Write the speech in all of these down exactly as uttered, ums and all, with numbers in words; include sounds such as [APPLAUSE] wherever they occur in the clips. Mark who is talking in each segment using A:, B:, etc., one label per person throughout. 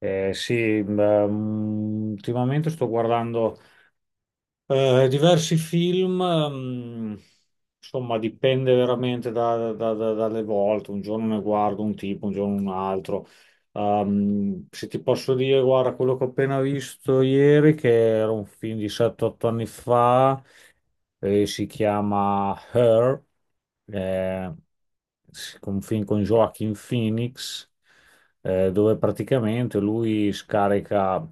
A: Eh, sì, beh, mm, ultimamente sto guardando eh, diversi film, mm, insomma dipende veramente da- da- da- dalle volte, un giorno ne guardo un tipo, un giorno un altro. Ehm, se ti posso dire, guarda, quello che ho appena visto ieri, che era un film di sette otto anni fa, eh, si chiama Her, eh, sì, un film con Joaquin Phoenix eh, dove praticamente lui scarica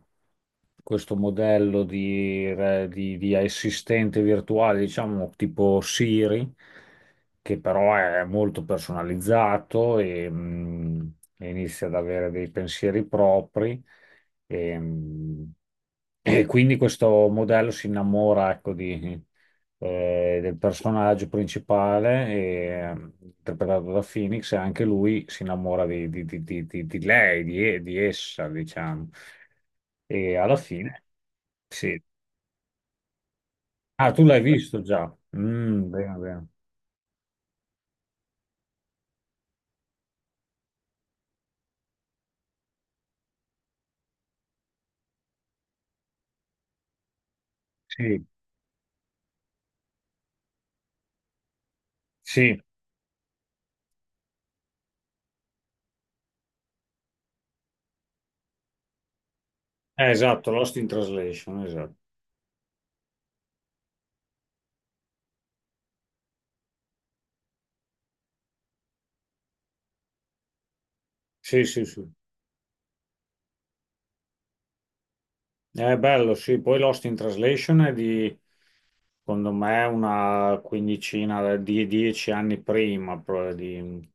A: questo modello di, re- di- di assistente virtuale, diciamo tipo Siri, che però è molto personalizzato e, mh, e inizia ad avere dei pensieri propri. E, mh, e quindi questo modello si innamora, ecco, di, eh, del personaggio principale, eh, interpretato da Phoenix, e anche lui si innamora di, di- di- di- di- di lei, di, di essa, diciamo. E alla fine, sì. Ah, tu l'hai visto già? Mm, bene, bene. Sì, sì. Eh, esatto, Lost in Translation, esatto. Sì, sì, sì. È bello, sì. Poi Lost in Translation è di, secondo me, una quindicina, di dieci anni prima. pro- di-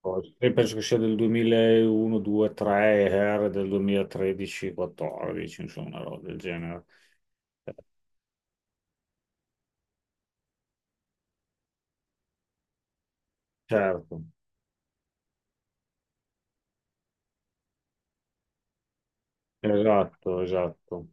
A: Poi, Io penso che sia del duemilauno, due, tre, Hair del duemilatredici, quattordici, insomma, una roba del genere. Certo, esatto, esatto.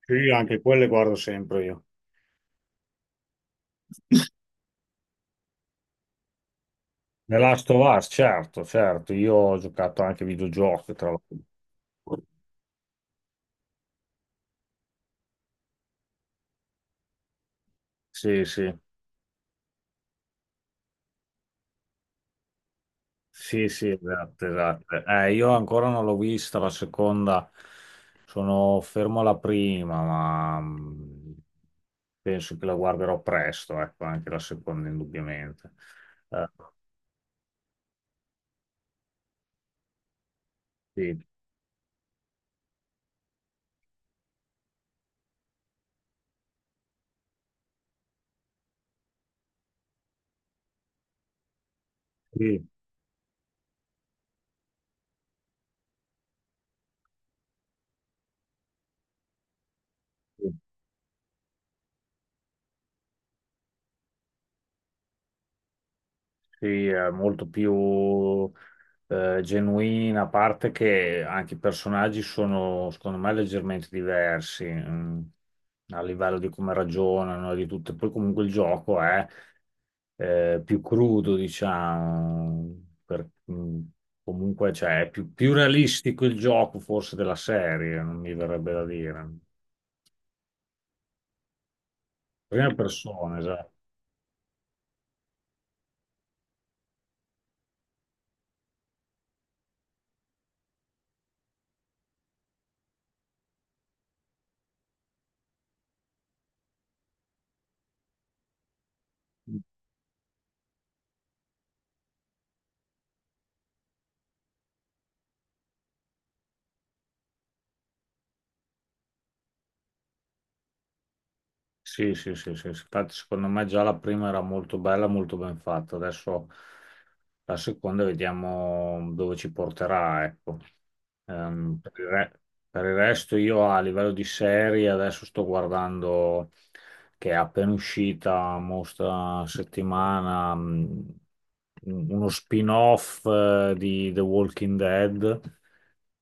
A: Sì, anche quelle guardo sempre io. The Last of Us, certo, certo. Io ho giocato anche videogiochi, tra l'altro. Sì, sì. Sì, sì, esatto, esatto. Eh, io ancora non l'ho vista la seconda, sono fermo alla prima, ma mh, penso che la guarderò presto, ecco, anche la seconda indubbiamente. Eh, sì, sì, sì. Sì, è molto più eh, genuina, a parte che anche i personaggi sono, secondo me, leggermente diversi mm, a livello di come ragionano e di tutto. Poi comunque il gioco è eh, più crudo, diciamo, per- mm, comunque cioè, è più, più realistico il gioco forse della serie, non mi verrebbe da dire. Prima persona, esatto. Sì, sì, sì, sì, sì. Infatti, secondo me già la prima era molto bella, molto ben fatta. Adesso la seconda vediamo dove ci porterà, ecco. Ehm, per il re- per il resto io a livello di serie adesso sto guardando che è appena uscita, mo sta settimana, mh, uno spin-off eh, di The Walking Dead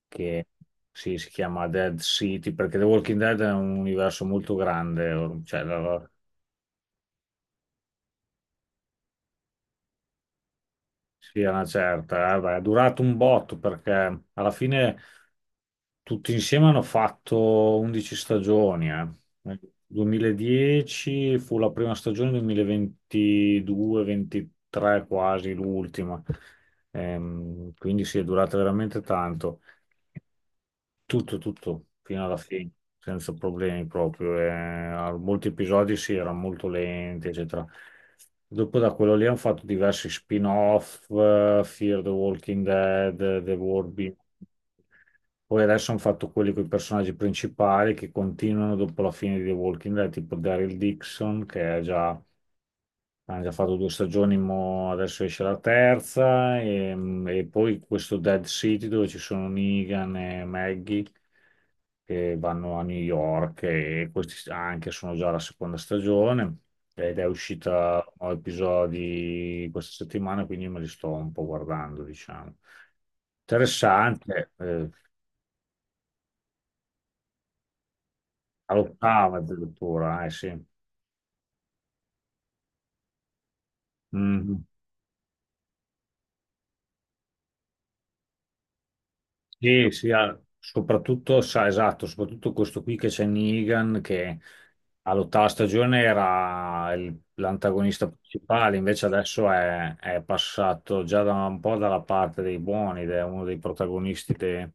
A: che sì, si chiama Dead City, perché The Walking Dead è un universo molto grande, or- cioè, la- la- sì, è una certa, eh, beh, è durato un botto perché alla fine tutti insieme hanno fatto undici stagioni, eh. Nel duemiladieci fu la prima stagione, duemilaventidue-ventitré quasi l'ultima. Ehm, quindi sì, è durata veramente tanto. Tutto, tutto, fino alla fine, senza problemi proprio. Eh, a molti episodi si era molto lenti, eccetera. Dopo da quello lì hanno fatto diversi spin-off, eh, Fear the Walking Dead, The War Be- Poi adesso hanno fatto quelli con i personaggi principali che continuano dopo la fine di The Walking Dead, tipo Daryl Dixon, che è già, hanno già fatto due stagioni, mo adesso esce la terza, e, e poi questo Dead City dove ci sono Negan e Maggie che vanno a New York e questi anche sono già la seconda stagione ed è uscita un episodi questa settimana, quindi me li sto un po' guardando, diciamo. Interessante, eh. All'ottava addirittura, eh sì. Mhm. Sì, sì, ah, soprattutto, sa, esatto, soprattutto questo qui che c'è Negan, che all'ottava stagione era il- l'antagonista principale, invece adesso è, è passato già da un po' dalla parte dei buoni ed è uno dei protagonisti, de-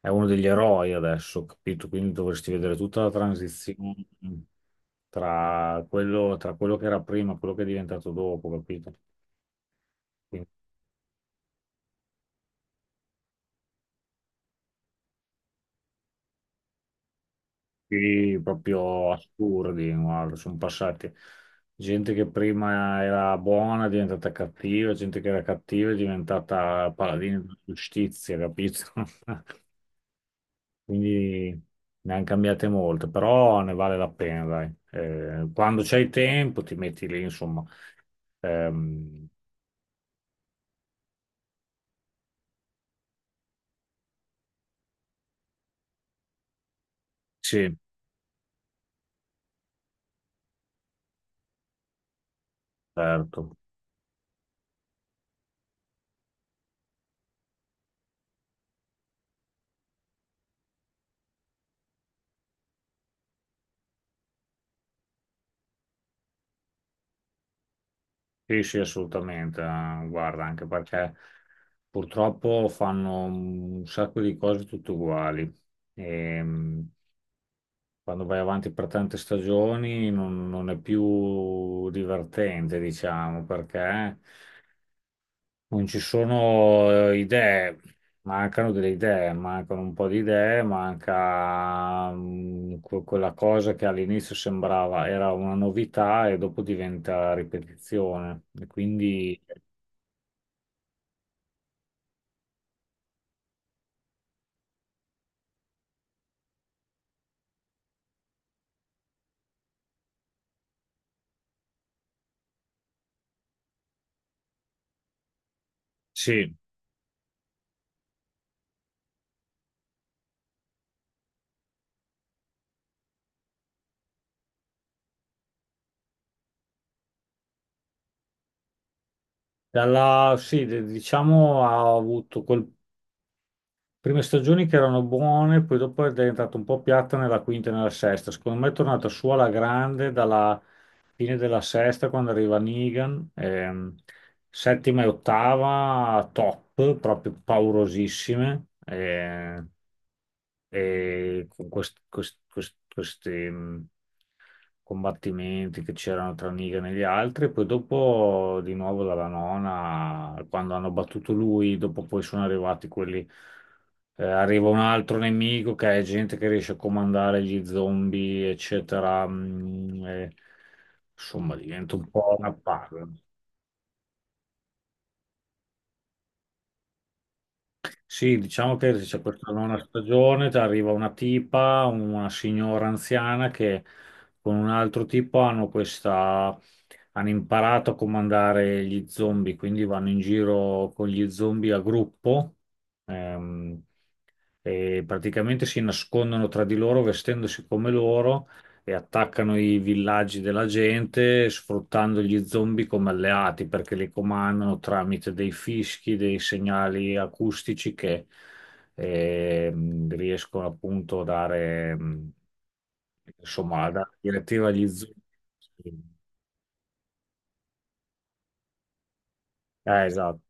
A: è uno degli eroi adesso, capito? Quindi dovresti vedere tutta la transizione tra quello, tra quello che era prima e quello che è diventato dopo, capito? Sì, proprio assurdi, guarda, sono passati. Gente che prima era buona è diventata cattiva, gente che era cattiva è diventata paladina della giustizia, capito? [LAUGHS] Quindi ne hanno cambiate molte, però ne vale la pena, dai. Eh, quando c'hai tempo ti metti lì, insomma. Ehm, sì, certo. Sì, sì, assolutamente. eh, Guarda, anche perché purtroppo fanno un sacco di cose tutte uguali. E, mh, quando vai avanti per tante stagioni non, non è più divertente, diciamo, perché non ci sono eh, idee, mancano delle idee, mancano un po' di idee, manca mh, que- quella cosa che all'inizio sembrava era una novità e dopo diventa ripetizione. E quindi. Sì, dalla, sì, de- diciamo ha avuto quel, prime stagioni che erano buone, poi dopo è diventata un po' piatta nella quinta e nella sesta. Secondo me è tornata su alla grande dalla fine della sesta quando arriva Negan, ehm, settima e ottava top, proprio paurosissime. Eh, e con quest- quest- quest- questi mh, combattimenti che c'erano tra Negan e gli altri, poi dopo di nuovo dalla nona, quando hanno battuto lui, dopo poi sono arrivati quelli, eh, arriva un altro nemico che è gente che riesce a comandare gli zombie, eccetera, mh, e, insomma diventa un po' una palla. Sì, diciamo che c'è per tornare una stagione, ti arriva una tipa, una signora anziana che con un altro tipo hanno questa... hanno imparato a comandare gli zombie, quindi vanno in giro con gli zombie a gruppo. Ehm, e praticamente si nascondono tra di loro vestendosi come loro e attaccano i villaggi della gente sfruttando gli zombie come alleati perché li comandano tramite dei fischi, dei segnali acustici che ehm, riescono appunto a dare, mm, insomma, a dare direttiva agli zombie. Eh, esatto.